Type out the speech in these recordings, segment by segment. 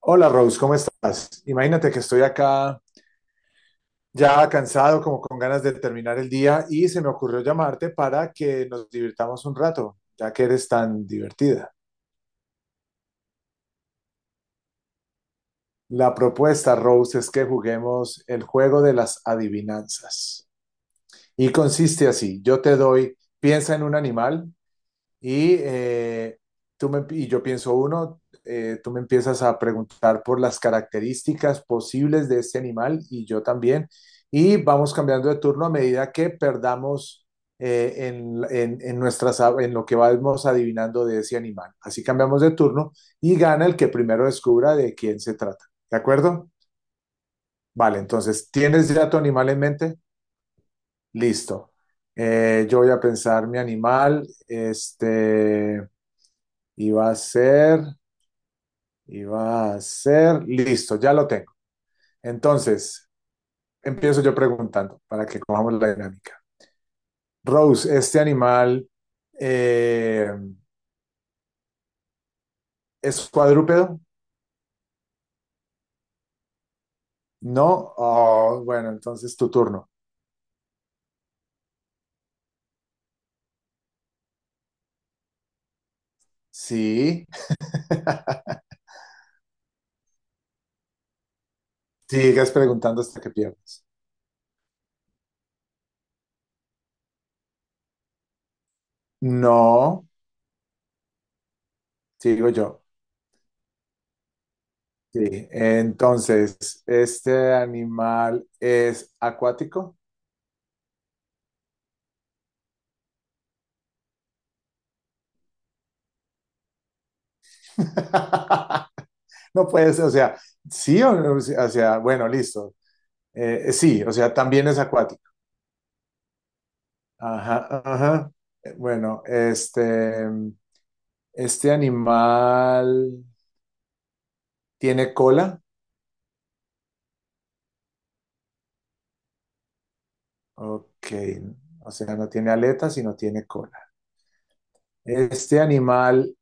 Hola Rose, ¿cómo estás? Imagínate que estoy acá ya cansado, como con ganas de terminar el día y se me ocurrió llamarte para que nos divirtamos un rato, ya que eres tan divertida. La propuesta, Rose, es que juguemos el juego de las adivinanzas. Y consiste así, yo te doy, piensa en un animal. Y, tú me, y yo pienso uno, tú me empiezas a preguntar por las características posibles de este animal y yo también. Y vamos cambiando de turno a medida que perdamos en nuestras, en lo que vamos adivinando de ese animal. Así cambiamos de turno y gana el que primero descubra de quién se trata. ¿De acuerdo? Vale, entonces, ¿tienes ya tu animal en mente? Listo. Yo voy a pensar mi animal. Este, y va a ser, y va a ser, listo, ya lo tengo. Entonces, empiezo yo preguntando para que cojamos la dinámica. Rose, ¿este animal eh, es cuadrúpedo? No. Oh, bueno, entonces tu turno. Sí. Sigues preguntando hasta que pierdas. No, sigo yo. Sí. Entonces, ¿este animal es acuático? No puedes, o sea, sí, o sea, bueno, listo. Sí, o sea, también es acuático. Ajá, ajá. Bueno, este animal tiene cola. Ok, o sea, no tiene aletas, sino tiene cola. Este animal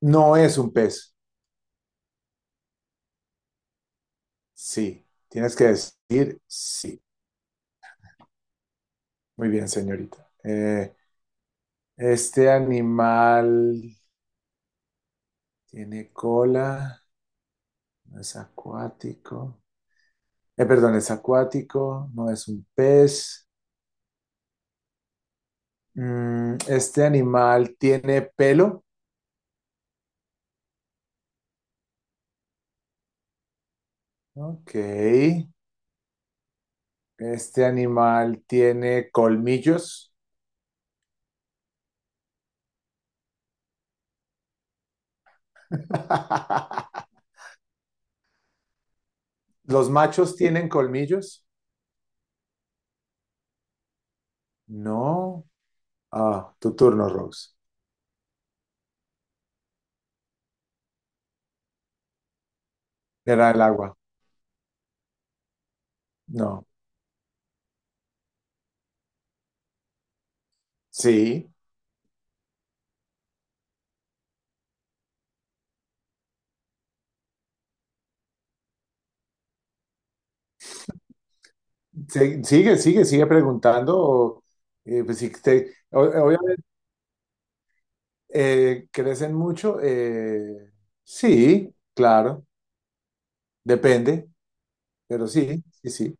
no es un pez. Sí, tienes que decir sí. Muy bien, señorita. Este animal tiene cola, no es acuático. Perdón, es acuático, no es un pez. Mm, este animal tiene pelo. Ok. Este animal tiene colmillos. ¿Los machos tienen colmillos? No. Ah, tu turno, Rose. Era el agua. No. Sí. Sí, sigue, sigue, sigue preguntando. O, pues, si te- o- obviamente, ¿crecen mucho? Sí, claro. Depende. Pero sí, sí, sí.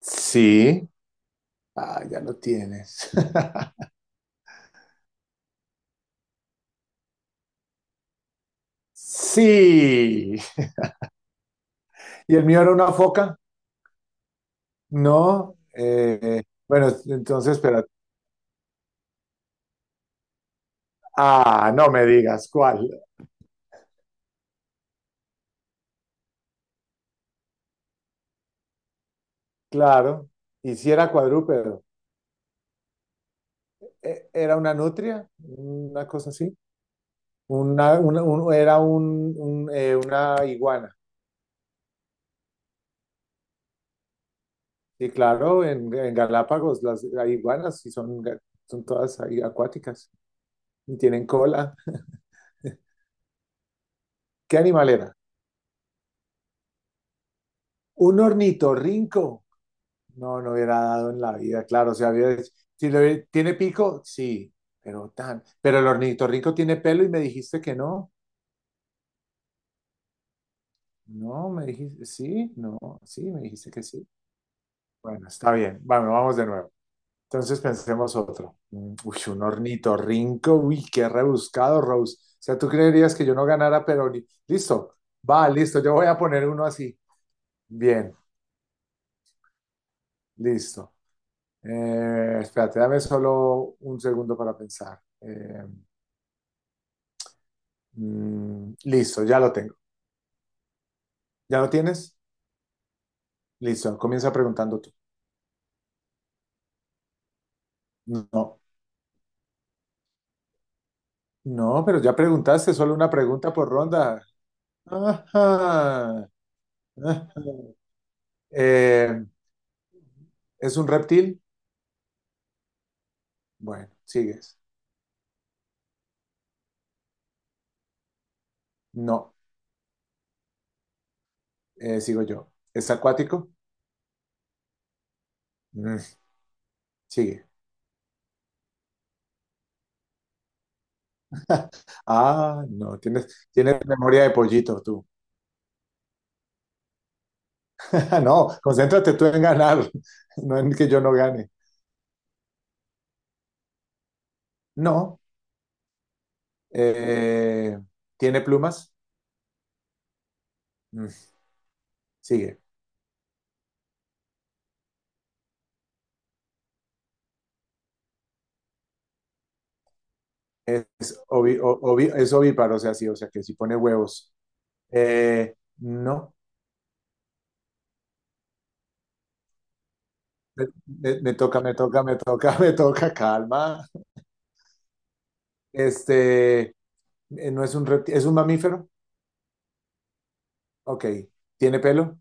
Sí. Ah, ya lo tienes. Sí. ¿Y el mío era una foca? No. Bueno, entonces, espera. Ah, no me digas cuál. Claro. Y si era cuadrúpedo. ¿Era una nutria? Una cosa así. Una- un- era un, una iguana. Y claro, en Galápagos las iguanas sí son, ga- son todas ahí acuáticas y tienen cola. ¿Qué animal era? Un ornitorrinco. No, no hubiera dado en la vida, claro. O sea, había- si lo hubiera- tiene pico, sí, pero tan. Pero el ornitorrinco tiene pelo y me dijiste que no. No, me dijiste, sí, no, sí, me dijiste que sí. Bueno, está bien. Bueno, vamos de nuevo. Entonces pensemos otro. Mm, uy, un ornitorrinco, uy, qué rebuscado, Rose. O sea, tú creerías que yo no ganara, pero ni- listo. Va, listo, yo voy a poner uno así. Bien, listo. Espérate, dame solo un segundo para pensar. Mm, listo, ya lo tengo. ¿Ya lo tienes? Listo, comienza preguntando tú. No, no, pero ya preguntaste solo una pregunta por ronda. Ajá, ajá. Eh, ¿Es un reptil? Bueno, sigues. No, sigo yo. ¿Es acuático? Mm, sigue. Ah, no, tienes, tienes memoria de pollito tú. No, concéntrate tú en ganar, no en que yo no gane. No. eh, ¿Tiene plumas? Mm, sigue. Es, ovi- o- ovi- es ovíparo, o sea, sí, o sea, que si pone huevos. No. Me- me toca, me toca, me toca, me toca, calma. Este, no es un reptil, es un mamífero. Ok. ¿Tiene pelo?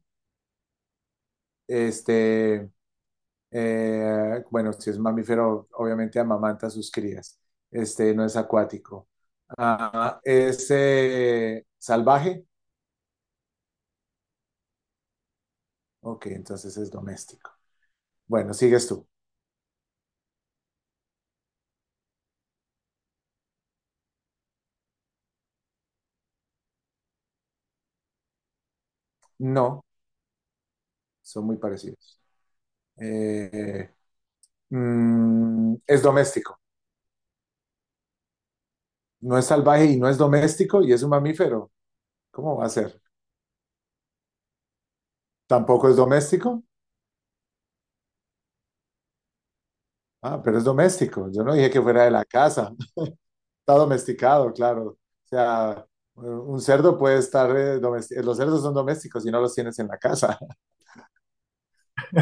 Este, bueno, si es un mamífero, obviamente amamanta a sus crías. Este, no es acuático. Ah, es salvaje. Ok, entonces es doméstico. Bueno, sigues tú. No, son muy parecidos. Eh, mm, es doméstico. No es salvaje y no es doméstico y es un mamífero. ¿Cómo va a ser? Tampoco es doméstico. Ah, pero es doméstico. Yo no dije que fuera de la casa. Está domesticado, claro. O sea, un cerdo puede estar domesticado. Los cerdos son domésticos y no los tienes en la casa.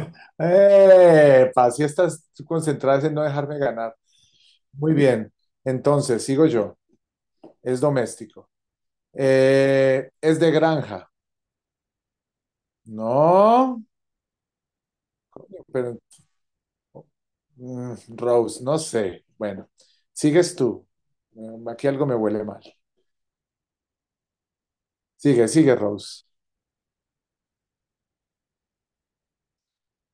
¡Eh! Si estás concentrada en no dejarme ganar. Muy bien. Entonces, sigo yo. Es doméstico. Es de granja. No, pero mm, Rose, no sé. Bueno, sigues tú. Mm, aquí algo me huele mal. Sigue, sigue, Rose.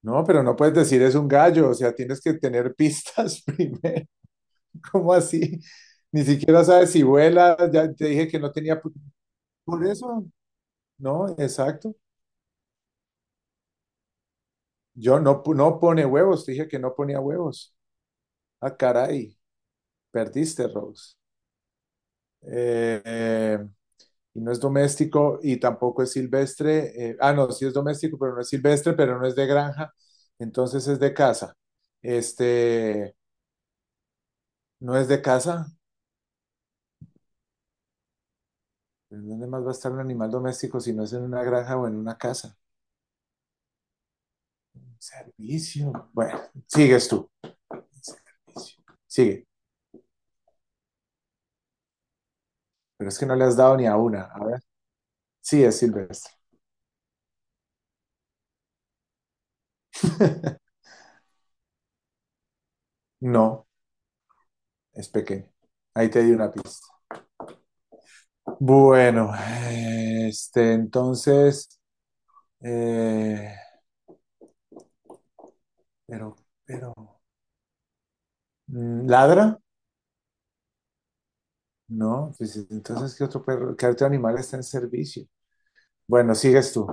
No, pero no puedes decir es un gallo, o sea, tienes que tener pistas primero. ¿Cómo así? Ni siquiera sabes si vuela, ya te dije que no tenía pu- por eso. No, exacto. Yo no, pu- no pone huevos, te dije que no ponía huevos. Ah, caray, perdiste, Rose. Eh, y no es doméstico y tampoco es silvestre. Eh, ah, no, sí es doméstico, pero no es silvestre, pero no es de granja, entonces es de casa. Este, no es de casa. ¿En dónde más va a estar un animal doméstico si no es en una granja o en una casa? Servicio. Bueno, sigues tú. Servicio. Sigue. Pero es que no le has dado ni a una. A ver. Sí, es silvestre. No, es pequeño. Ahí te di una pista. Bueno, este, entonces, eh, Pero, pero, mm, ¿ladra? No, pues entonces, ¿qué otro perro, qué otro animal está en servicio? Bueno, sigues tú.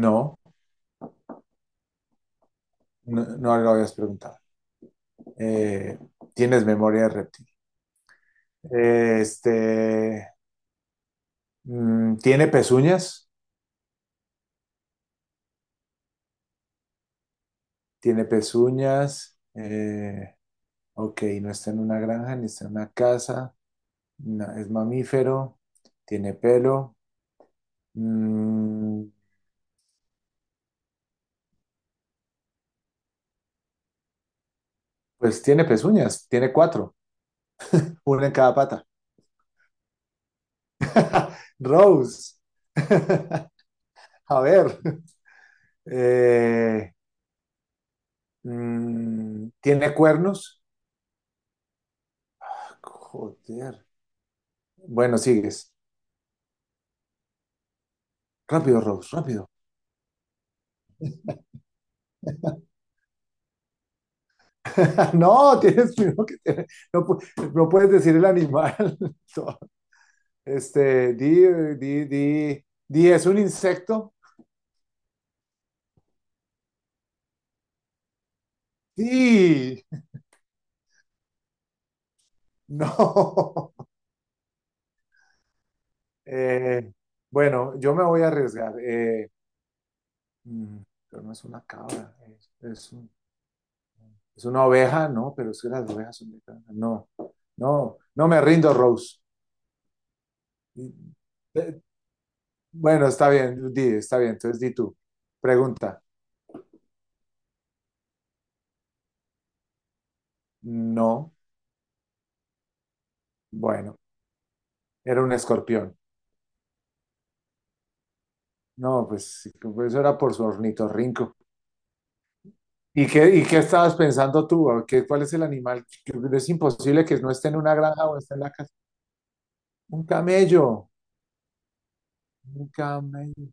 No, no, no lo habías preguntado. Eh, ¿Tienes memoria de reptil? Este, mm, ¿tiene pezuñas? Tiene pezuñas. Ok, no está en una granja ni está en una casa. No, es mamífero. Tiene pelo. Mm, pues tiene pezuñas. Tiene cuatro. Una en cada pata. Rose. A ver. eh, mm, ¿tiene cuernos? Joder. Bueno, sigues. Rápido, Rose, rápido. No, tienes primero que tener- no, no puedes decir el animal. No. Este, di, ¿es un insecto? Sí, no. Eh, bueno, yo me voy a arriesgar. Mm, pero no es una cabra, es un- es una oveja, no, pero es que las ovejas son mexicanas. No, no, no me rindo, Rose. Bueno, está bien, di, está bien, entonces di tú. Pregunta, no, bueno, era un escorpión. No, pues sí, pues eso era por su ornitorrinco. Y qué estabas pensando tú? ¿A ¿Qué, ¿Cuál es el animal? Que es imposible que no esté en una granja o esté en la casa. Un camello, un camello.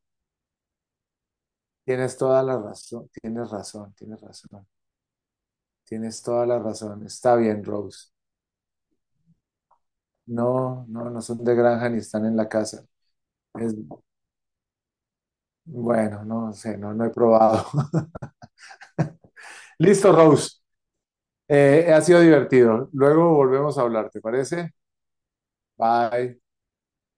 Tienes toda la razón, tienes razón, tienes razón, tienes toda la razón. Está bien, Rose. No, no, no son de granja ni están en la casa. Es, bueno, no sé, no, no he probado. Listo, Rose. Ha sido divertido. Luego volvemos a hablar, ¿te parece? Bye.